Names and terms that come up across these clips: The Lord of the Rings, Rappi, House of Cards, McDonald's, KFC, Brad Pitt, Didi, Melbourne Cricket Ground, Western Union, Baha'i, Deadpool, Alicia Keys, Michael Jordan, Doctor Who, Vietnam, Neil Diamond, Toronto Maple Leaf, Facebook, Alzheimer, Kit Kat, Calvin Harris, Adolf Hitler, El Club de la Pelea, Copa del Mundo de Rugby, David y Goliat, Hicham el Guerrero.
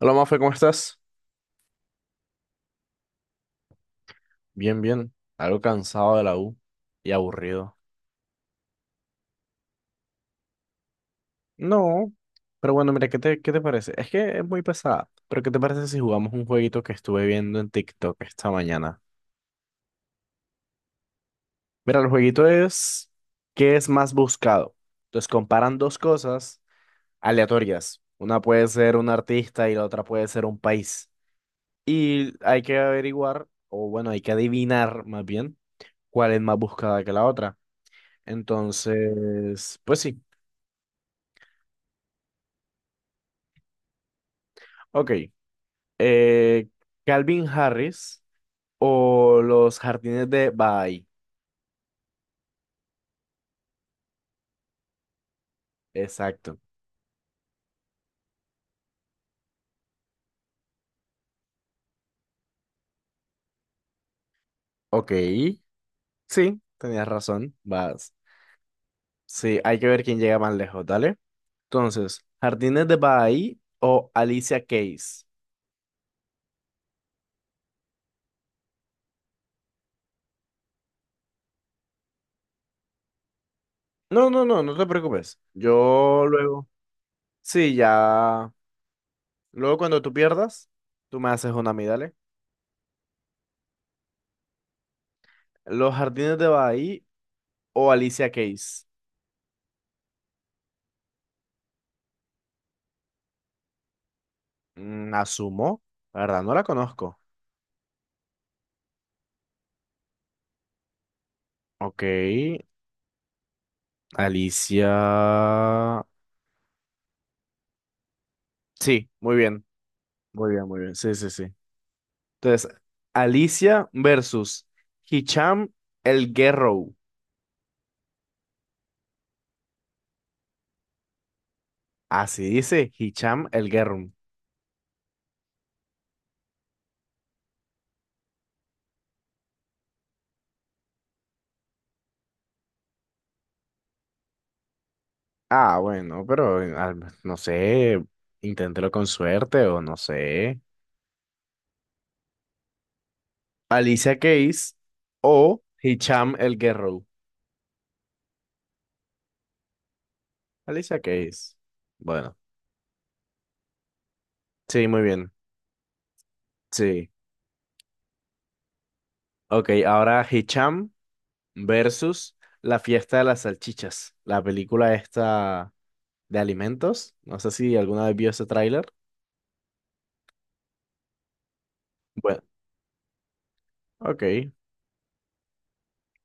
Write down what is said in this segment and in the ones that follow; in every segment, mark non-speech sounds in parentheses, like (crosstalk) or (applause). Hola, Mafe, ¿cómo estás? Bien, bien. Algo cansado de la U y aburrido. No, pero bueno, mira, ¿qué te parece? Es que es muy pesada, pero ¿qué te parece si jugamos un jueguito que estuve viendo en TikTok esta mañana? Mira, el jueguito es ¿qué es más buscado? Entonces comparan dos cosas aleatorias. Una puede ser un artista y la otra puede ser un país. Y hay que averiguar, o bueno, hay que adivinar más bien cuál es más buscada que la otra. Entonces, pues sí. Ok. eh, Calvin Harris o los jardines de Baha'i. Exacto. Ok. Sí, tenías razón. Vas. Sí, hay que ver quién llega más lejos, ¿dale? Entonces, jardines de Baha'i o Alicia Keys. No, no, no, no te preocupes. Yo luego. Sí, ya. Luego cuando tú pierdas, tú me haces una a mí, dale. Los jardines de Baha'i o Alicia Keys. Mm, asumo. La verdad, no la conozco. Ok. Alicia. Sí, muy bien. Muy bien, muy bien. Sí, sí, sí. Entonces, Alicia versus Hicham el Guerrero. Así dice Hicham el Guerrero. Ah, bueno, pero al- no sé. Inténtelo con suerte o no sé. Alicia Keys o Hicham el Guerrero. Alicia Keys. Bueno, sí, muy bien. Sí. Ok, ahora Hicham versus la fiesta de las salchichas, la película esta de alimentos. No sé si alguna vez vio ese tráiler. Bueno, ok,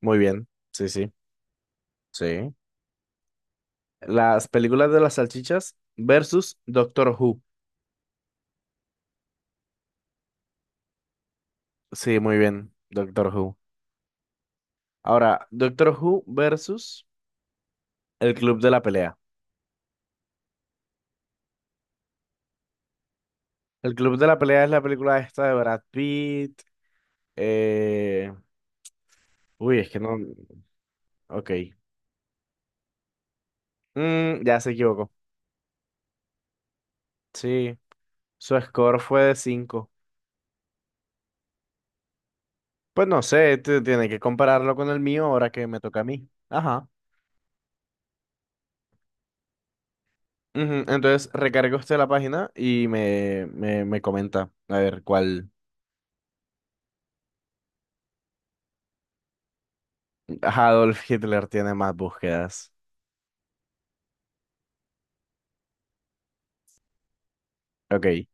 muy bien. Sí, sí, sí. Las películas de las salchichas versus Doctor Who. Sí, muy bien, Doctor Who. Ahora, Doctor Who versus El Club de la Pelea. El Club de la Pelea es la película esta de Brad Pitt. eh, Uy, es que no... Ok. Mm, ya se equivocó. Sí, su score fue de cinco. Pues no sé, tiene que compararlo con el mío ahora que me toca a mí. Ajá. Ujú, entonces recarga usted la página y me comenta a ver cuál. Adolf Hitler tiene más búsquedas. Ok.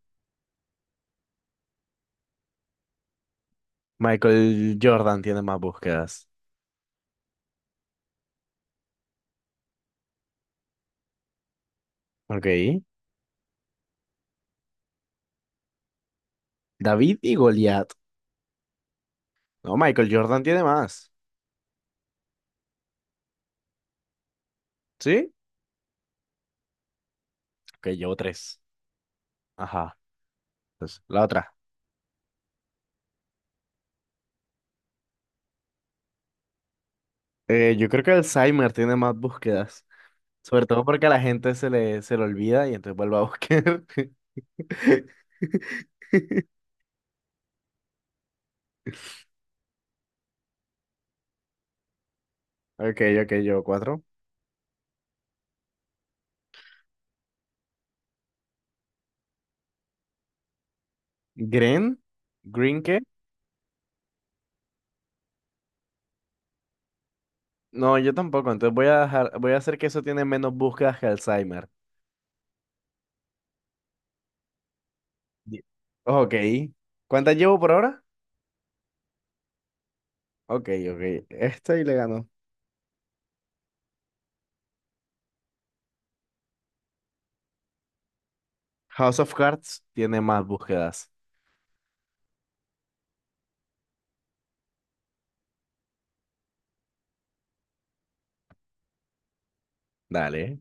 Michael Jordan tiene más búsquedas. Ok. David y Goliat. No, Michael Jordan tiene más. ¿Sí? Ok, llevo tres. Ajá. Entonces, la otra. Yo creo que Alzheimer tiene más búsquedas. Sobre todo porque a la gente se le olvida y entonces vuelve a (laughs) buscar. (laughs) Ok, ok, yo cuatro. Green, ¿Green qué? No, yo tampoco. Entonces voy a dejar, voy a hacer que eso tiene menos búsquedas que Alzheimer. Di- Ok. ¿Cuántas llevo por ahora? Ok, ok. Esta y le ganó. House of Cards tiene más búsquedas. Dale.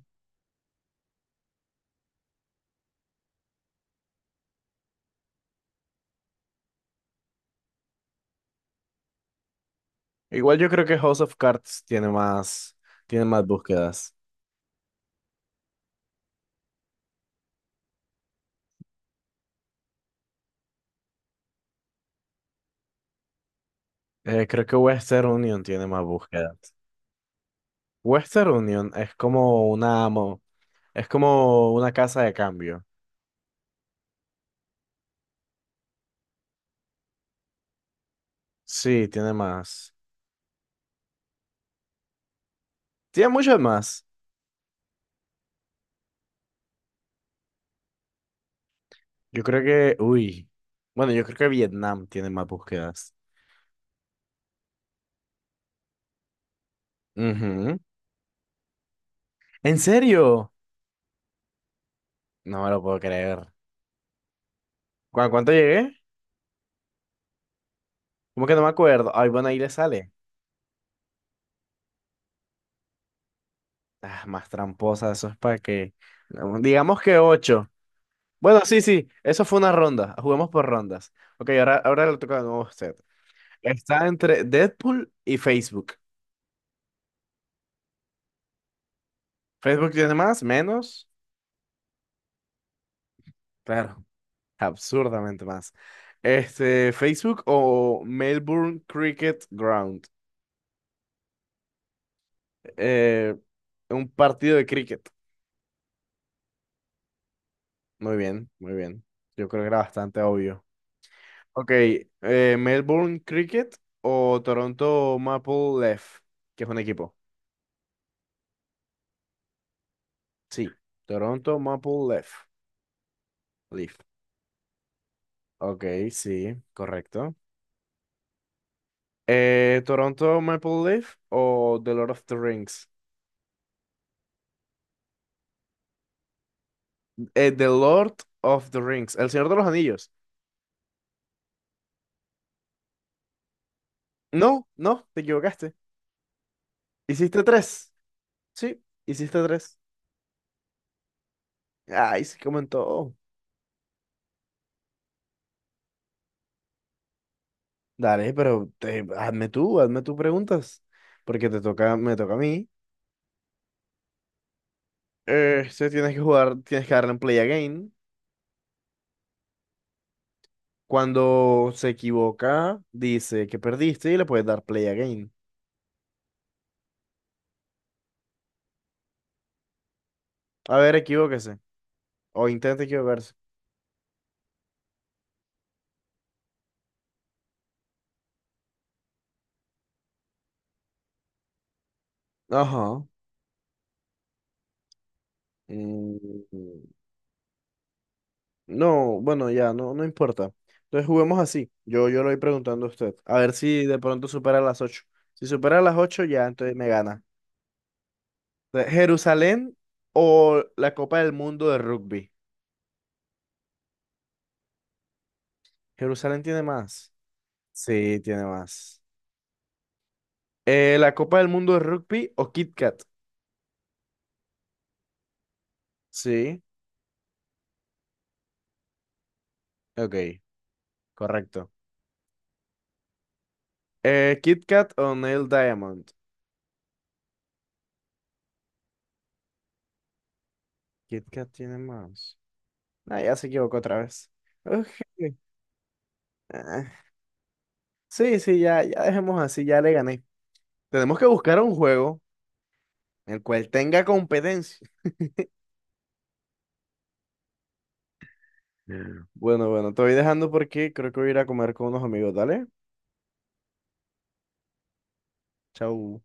Igual yo creo que House of Cards tiene más búsquedas. Creo que Western Union tiene más búsquedas. Western Union es como una, es como una casa de cambio. Sí, tiene más. Tiene muchas más. Yo creo que, uy. Bueno, yo creo que Vietnam tiene más búsquedas. Ujú. ¿En serio? No me lo puedo creer. ¿A cuánto llegué? ¿Cómo que no me acuerdo? Ay, bueno, ahí le sale. Ah, más tramposa, eso es para que digamos que ocho. Bueno, sí, sí, eso fue una ronda. Jugamos por rondas. Ok, ahora, ahora le toca de nuevo a usted. Está entre Deadpool y Facebook. ¿Facebook tiene más? ¿Menos? Claro. Absurdamente más. Este, Facebook o Melbourne Cricket Ground. Eh, un partido de cricket. Muy bien, muy bien. Yo creo que era bastante obvio. Ok, Melbourne Cricket o Toronto Maple Leaf, que es un equipo. Sí, Toronto Maple Leaf. Leaf. Ok, sí, correcto. Toronto Maple Leaf o The Lord of the Rings. The Lord of the Rings, El Señor de los Anillos. No, no, te equivocaste. Hiciste tres. Sí, hiciste tres. Ay, sí, comentó. Dale, pero hazme tú, hazme tus preguntas. Porque te toca, me toca a mí. Se tienes que jugar, tienes que darle en play again. Cuando se equivoca, dice que perdiste y le puedes dar play again. A ver, equivóquese. O intente equivocarse. Ajá. Mm, no, bueno, ya, no, no importa. Entonces juguemos así. Yo lo voy preguntando a usted. A ver si de pronto supera las ocho. Si supera las 8 ya, entonces me gana. Entonces, Jerusalén o la Copa del Mundo de Rugby. Jerusalén tiene más. Sí, tiene más. La Copa del Mundo de Rugby o Kit Kat. Sí, ok, correcto. Kit Kat o Neil Diamond. Kit Kat tiene más. Ah, ya se equivocó otra vez. Ok. Ah, sí, sí, ya, ya dejemos así, ya le gané. Tenemos que buscar un juego en el cual tenga competencia. Mm. Bueno, bueno, te voy dejando porque creo que voy a ir a comer con unos amigos. Dale, chau.